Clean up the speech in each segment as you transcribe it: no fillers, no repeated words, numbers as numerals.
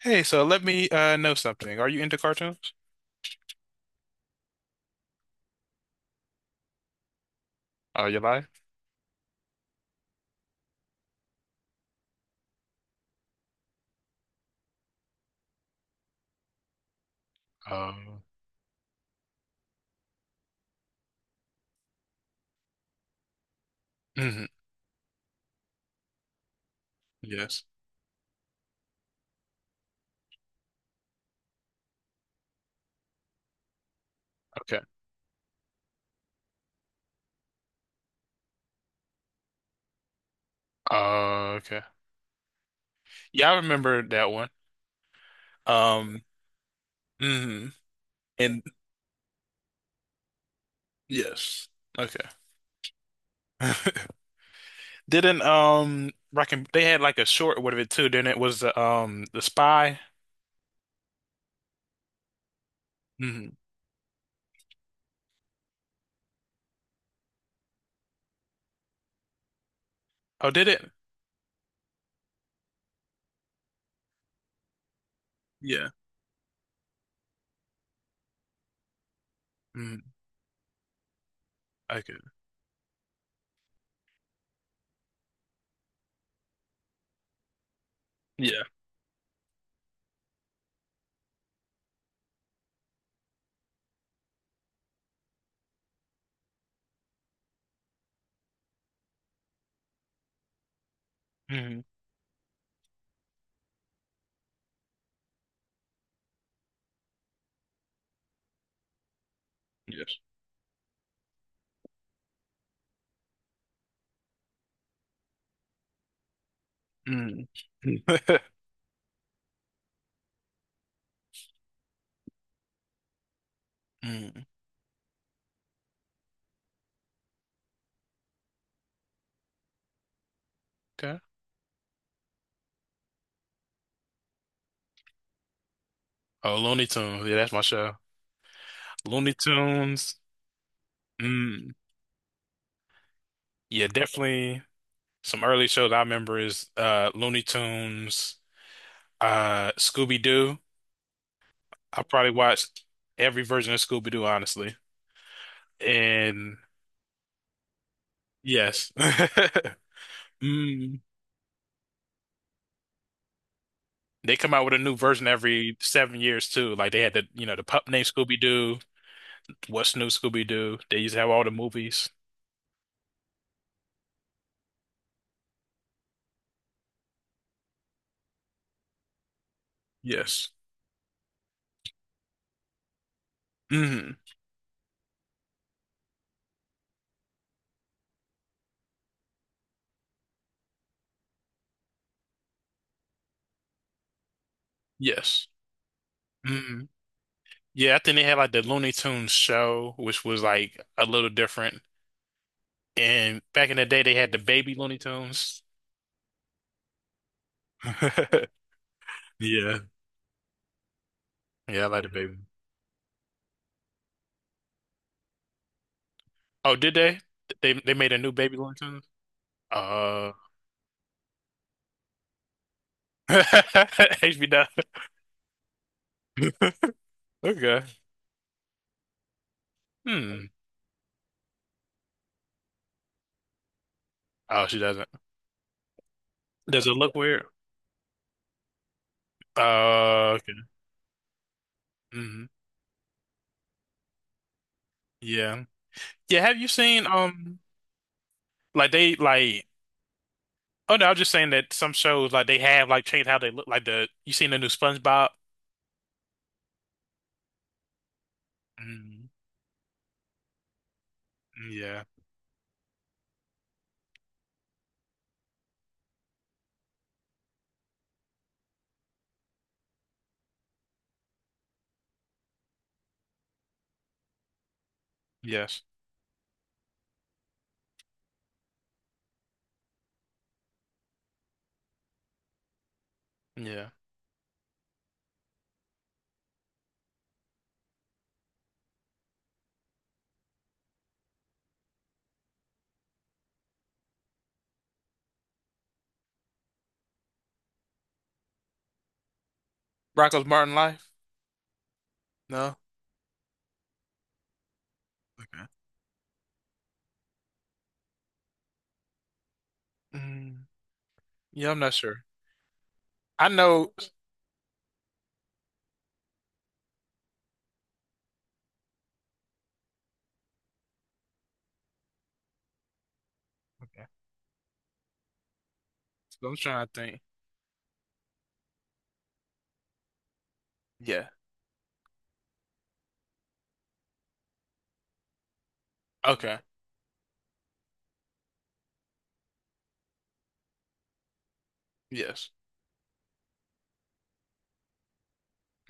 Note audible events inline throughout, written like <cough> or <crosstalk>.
Hey, so let me know something. Are you into cartoons? Oh, you lie? Um, mhm, yes. Okay. Okay. Yeah, I remember that one. Um, mhm, and yes. Okay. <laughs> Didn't Rockin' they had like a short with it too, didn't it? Was the the spy? Hmm. Oh, did it? Yeah. Hmm. Okay. Yeah. Hmm. Yes. Hmm. <laughs> Mm. Okay. Oh, Looney Tunes. Yeah, that's my show. Looney Tunes. Mm. Yeah, definitely some early shows I remember is Looney Tunes, Scooby-Doo. I probably watched every version of Scooby-Doo, honestly. And yes. <laughs> Mm. They come out with a new version every 7 years too. Like they had the pup named Scooby-Doo, What's New Scooby-Doo. They used to have all the movies. Yes. Hmm. Yes. Hmm. Yeah, I think they had like the Looney Tunes show, which was like a little different. And back in the day, they had the baby Looney Tunes. <laughs> Yeah, yeah, I like the baby. Oh, did they? They made a new baby Looney Tunes? Uh, <laughs> HB Dove. <laughs> Okay. Hmm. Oh, she doesn't. Does it look weird? Okay. Hmm. Yeah. Yeah. Have you seen like they like? Oh no, I was just saying that some shows like they have like changed how they look. Like the you seen the new SpongeBob? Mm. Yeah. Yes. Yeah. Rocko's Modern Life? No. Mm, yeah, I'm not sure. I know. Okay. So I'm trying to think. Yeah. Okay. Yes.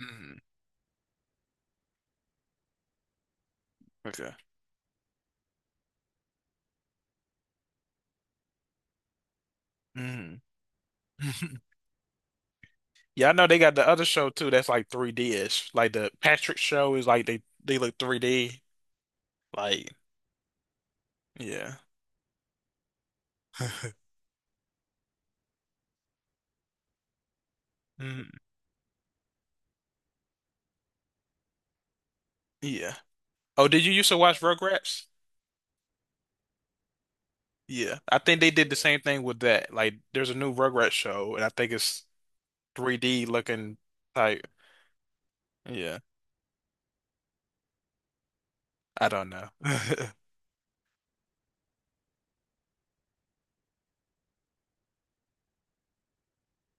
Mm, okay. Mm. <laughs> Yeah, I know they got the other show too. That's like 3D-ish. Like the Patrick show is like they look 3D. Like yeah. <laughs> Mm, yeah. Oh, did you used to watch Rugrats? Yeah. I think they did the same thing with that. Like there's a new Rugrats show and I think it's 3D looking type. Yeah. I don't know. <laughs>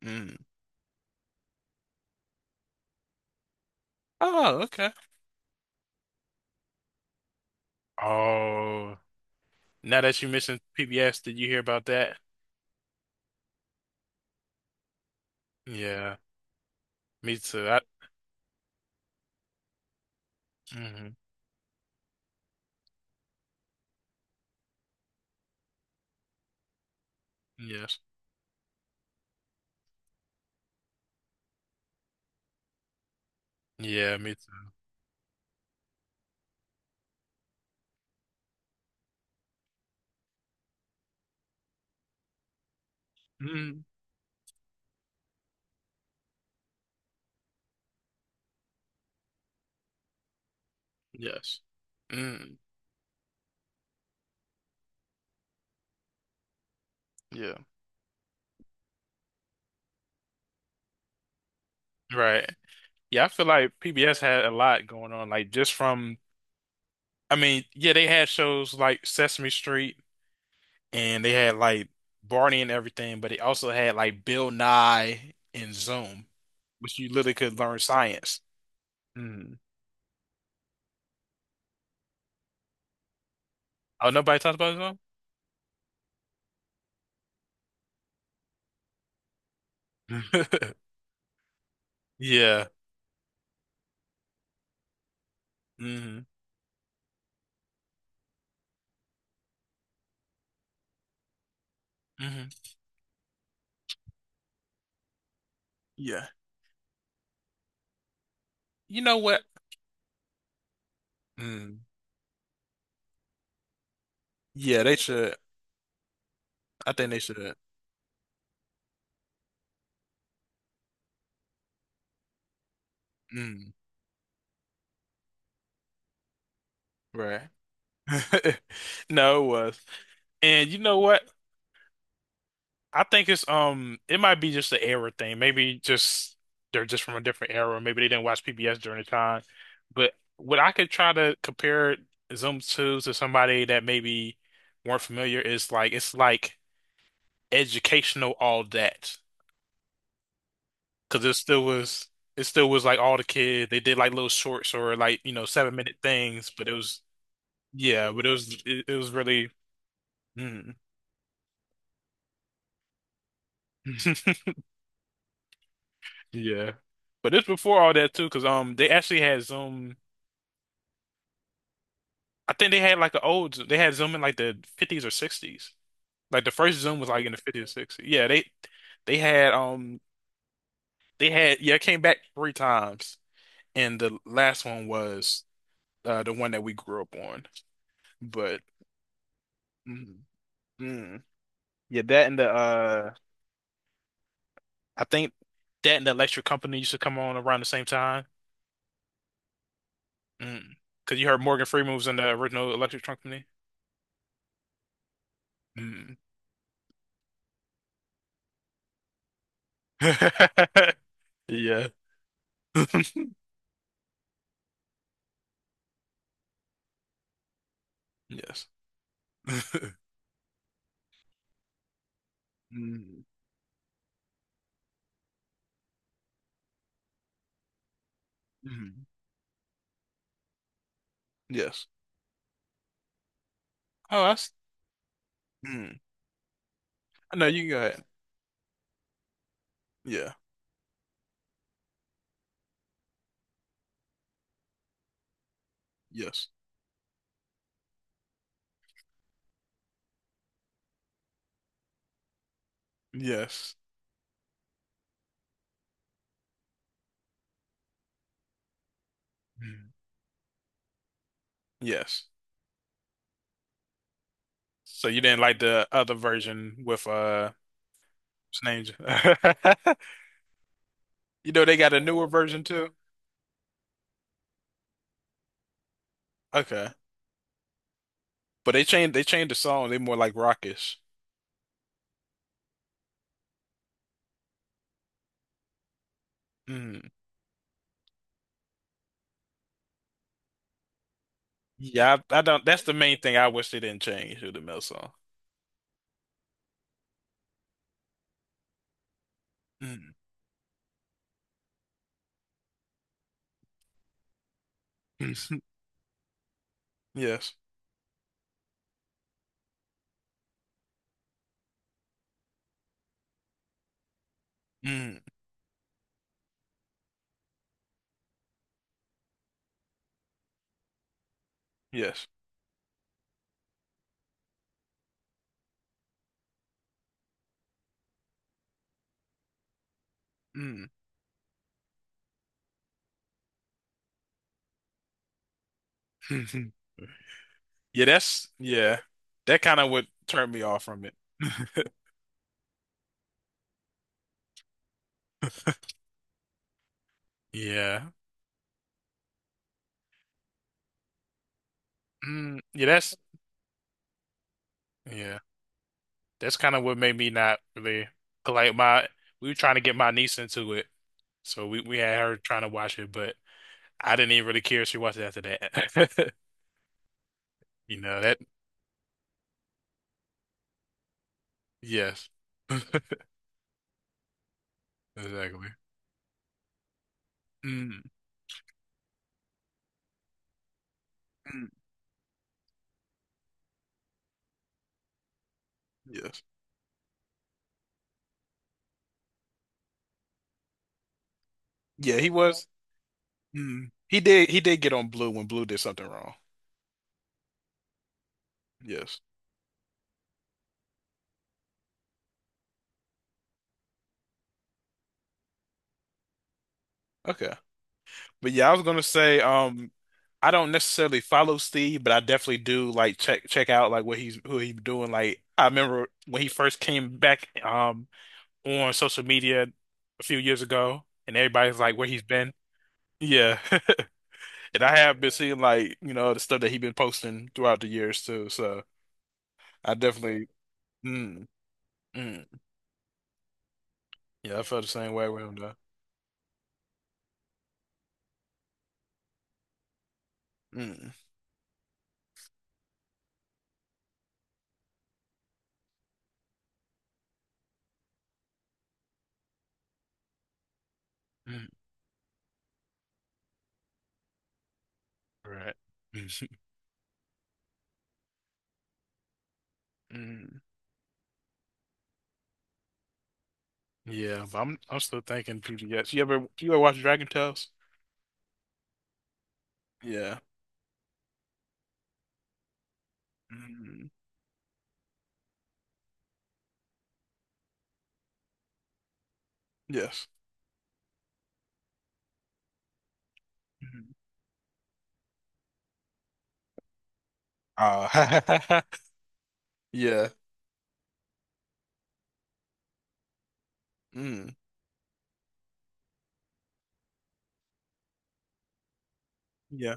Mm. Oh, okay. Oh, now that you mentioned PBS, did you hear about that? Yeah, me too. Hmm. Yes. Yeah, me too. Mm. Yes. Mm. Yeah. Right. Yeah, I feel like PBS had a lot going on. Like just from, I mean, yeah, they had shows like Sesame Street and they had like Barney and everything, but they also had like Bill Nye and Zoom, which you literally could learn science. Mm. Oh, nobody talks about Zoom? <laughs> Yeah. Mhm. Hmm. Yeah. You know what? Mm. Yeah, they should. I think they should. Mm. Right. <laughs> No, it was. And you know what? I think it's it might be just the era thing. Maybe just they're just from a different era, or maybe they didn't watch PBS during the time. But what I could try to compare Zoom to somebody that maybe weren't familiar is like it's like educational all that, because it still was like all the kid they did like little shorts or like 7 minute things, but it was yeah, but it was it was really. Mm. <laughs> Yeah, but it's before all that too because they actually had Zoom. I think they had like they had Zoom in like the 50s or 60s, like the first Zoom was like in the 50s or 60s, yeah they had yeah, it came back three times, and the last one was the one that we grew up on, but mm, mm. Yeah, that and the I think that and the Electric Company used to come on around the same time. Mm. Cause you heard Morgan Freeman was in the original Electric Company. Mm. <laughs> Yeah. <laughs> Yes. <laughs> Mm. Mhm. Yes. Oh, that's. Mm. No, you can go ahead. Yeah. Yes. Yes. Mm. Yes. So you didn't like the other version with what's his name? <laughs> You know they got a newer version too? Okay. But they changed the song. They more like rockish. Mm. Yeah, I don't. That's the main thing I wish they didn't change with the Mel song. Mm. <laughs> Yes. Mm. Yes. Mm. <laughs> Yeah, that's yeah. That kind of would turn me off from it. <laughs> Yeah. Mm. Yeah. That's kind of what made me not really like my. We were trying to get my niece into it, so we had her trying to watch it, but I didn't even really care if she watched it after that. <laughs> You know that? Yes. <laughs> Exactly. Mm, mm, yes. Yeah, he was. Mm, he did. He did get on Blue when Blue did something wrong. Yes. Okay. But yeah, I was gonna say, I don't necessarily follow Steve, but I definitely do like check out like what he's who he's doing. Like I remember when he first came back on social media a few years ago and everybody's like where he's been. Yeah. <laughs> And I have been seeing like, the stuff that he's been posting throughout the years too. So I definitely. Mm, mm. Yeah, I felt the same way with him though. Mm. Mm. Right. <laughs> Mm. Yeah, but I'm still thinking PBS. You ever watch Dragon Tales? Yeah. Mm. Yes. Mm. Uh, <laughs> yeah. Mm. Yeah.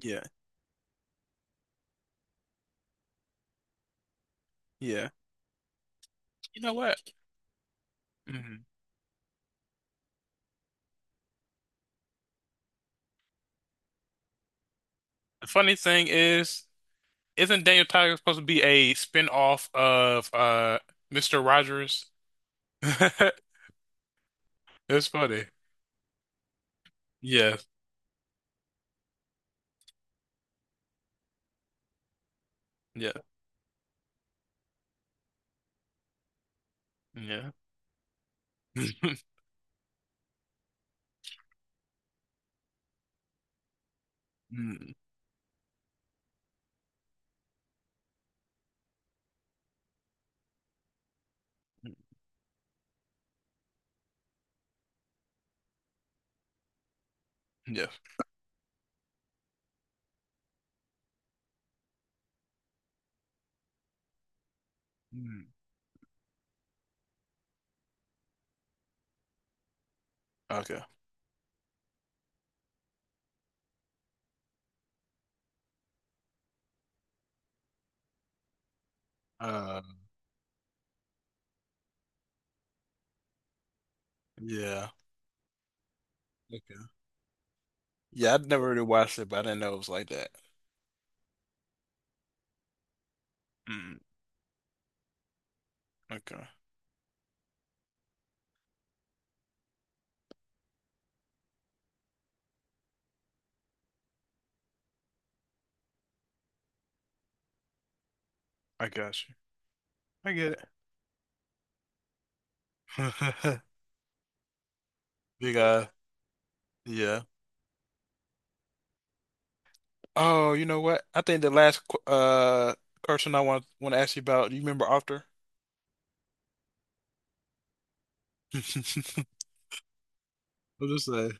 Yeah. Yeah. You know what? Mm. The funny thing is, isn't Daniel Tiger supposed to be a spin-off of Mr. Rogers? <laughs> It's funny. Yeah. Yeah. Yeah. <laughs> Mm. Yes. Mm. Okay. Uh, yeah. Okay. Yeah, I'd never really watched it, but I didn't know it was like that. Mm, okay. I got you. I get it. <laughs> Big eye. Yeah. Oh, you know what? I think the last question I want to ask you about. Do you remember After? <laughs> What is say?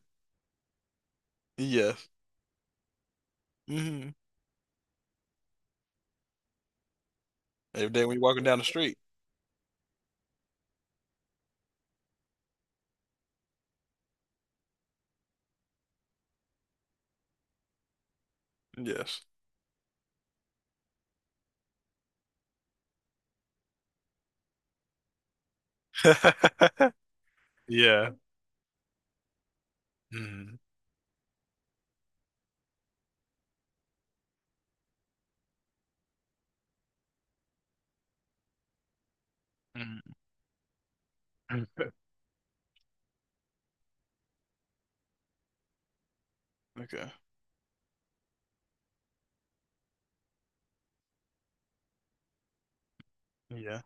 Yes. Mm-hmm. Every day when you're walking down the street. Yes. <laughs> Yeah. Mm-hmm. Mm-hmm. <laughs> Okay. Yeah.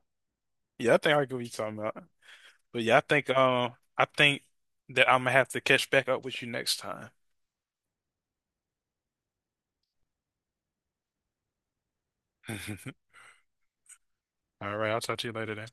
Yeah, I think I could be talking about. But yeah, I think I think that I'm gonna have to catch back up with you next time. <laughs> All right, I'll talk to you later then.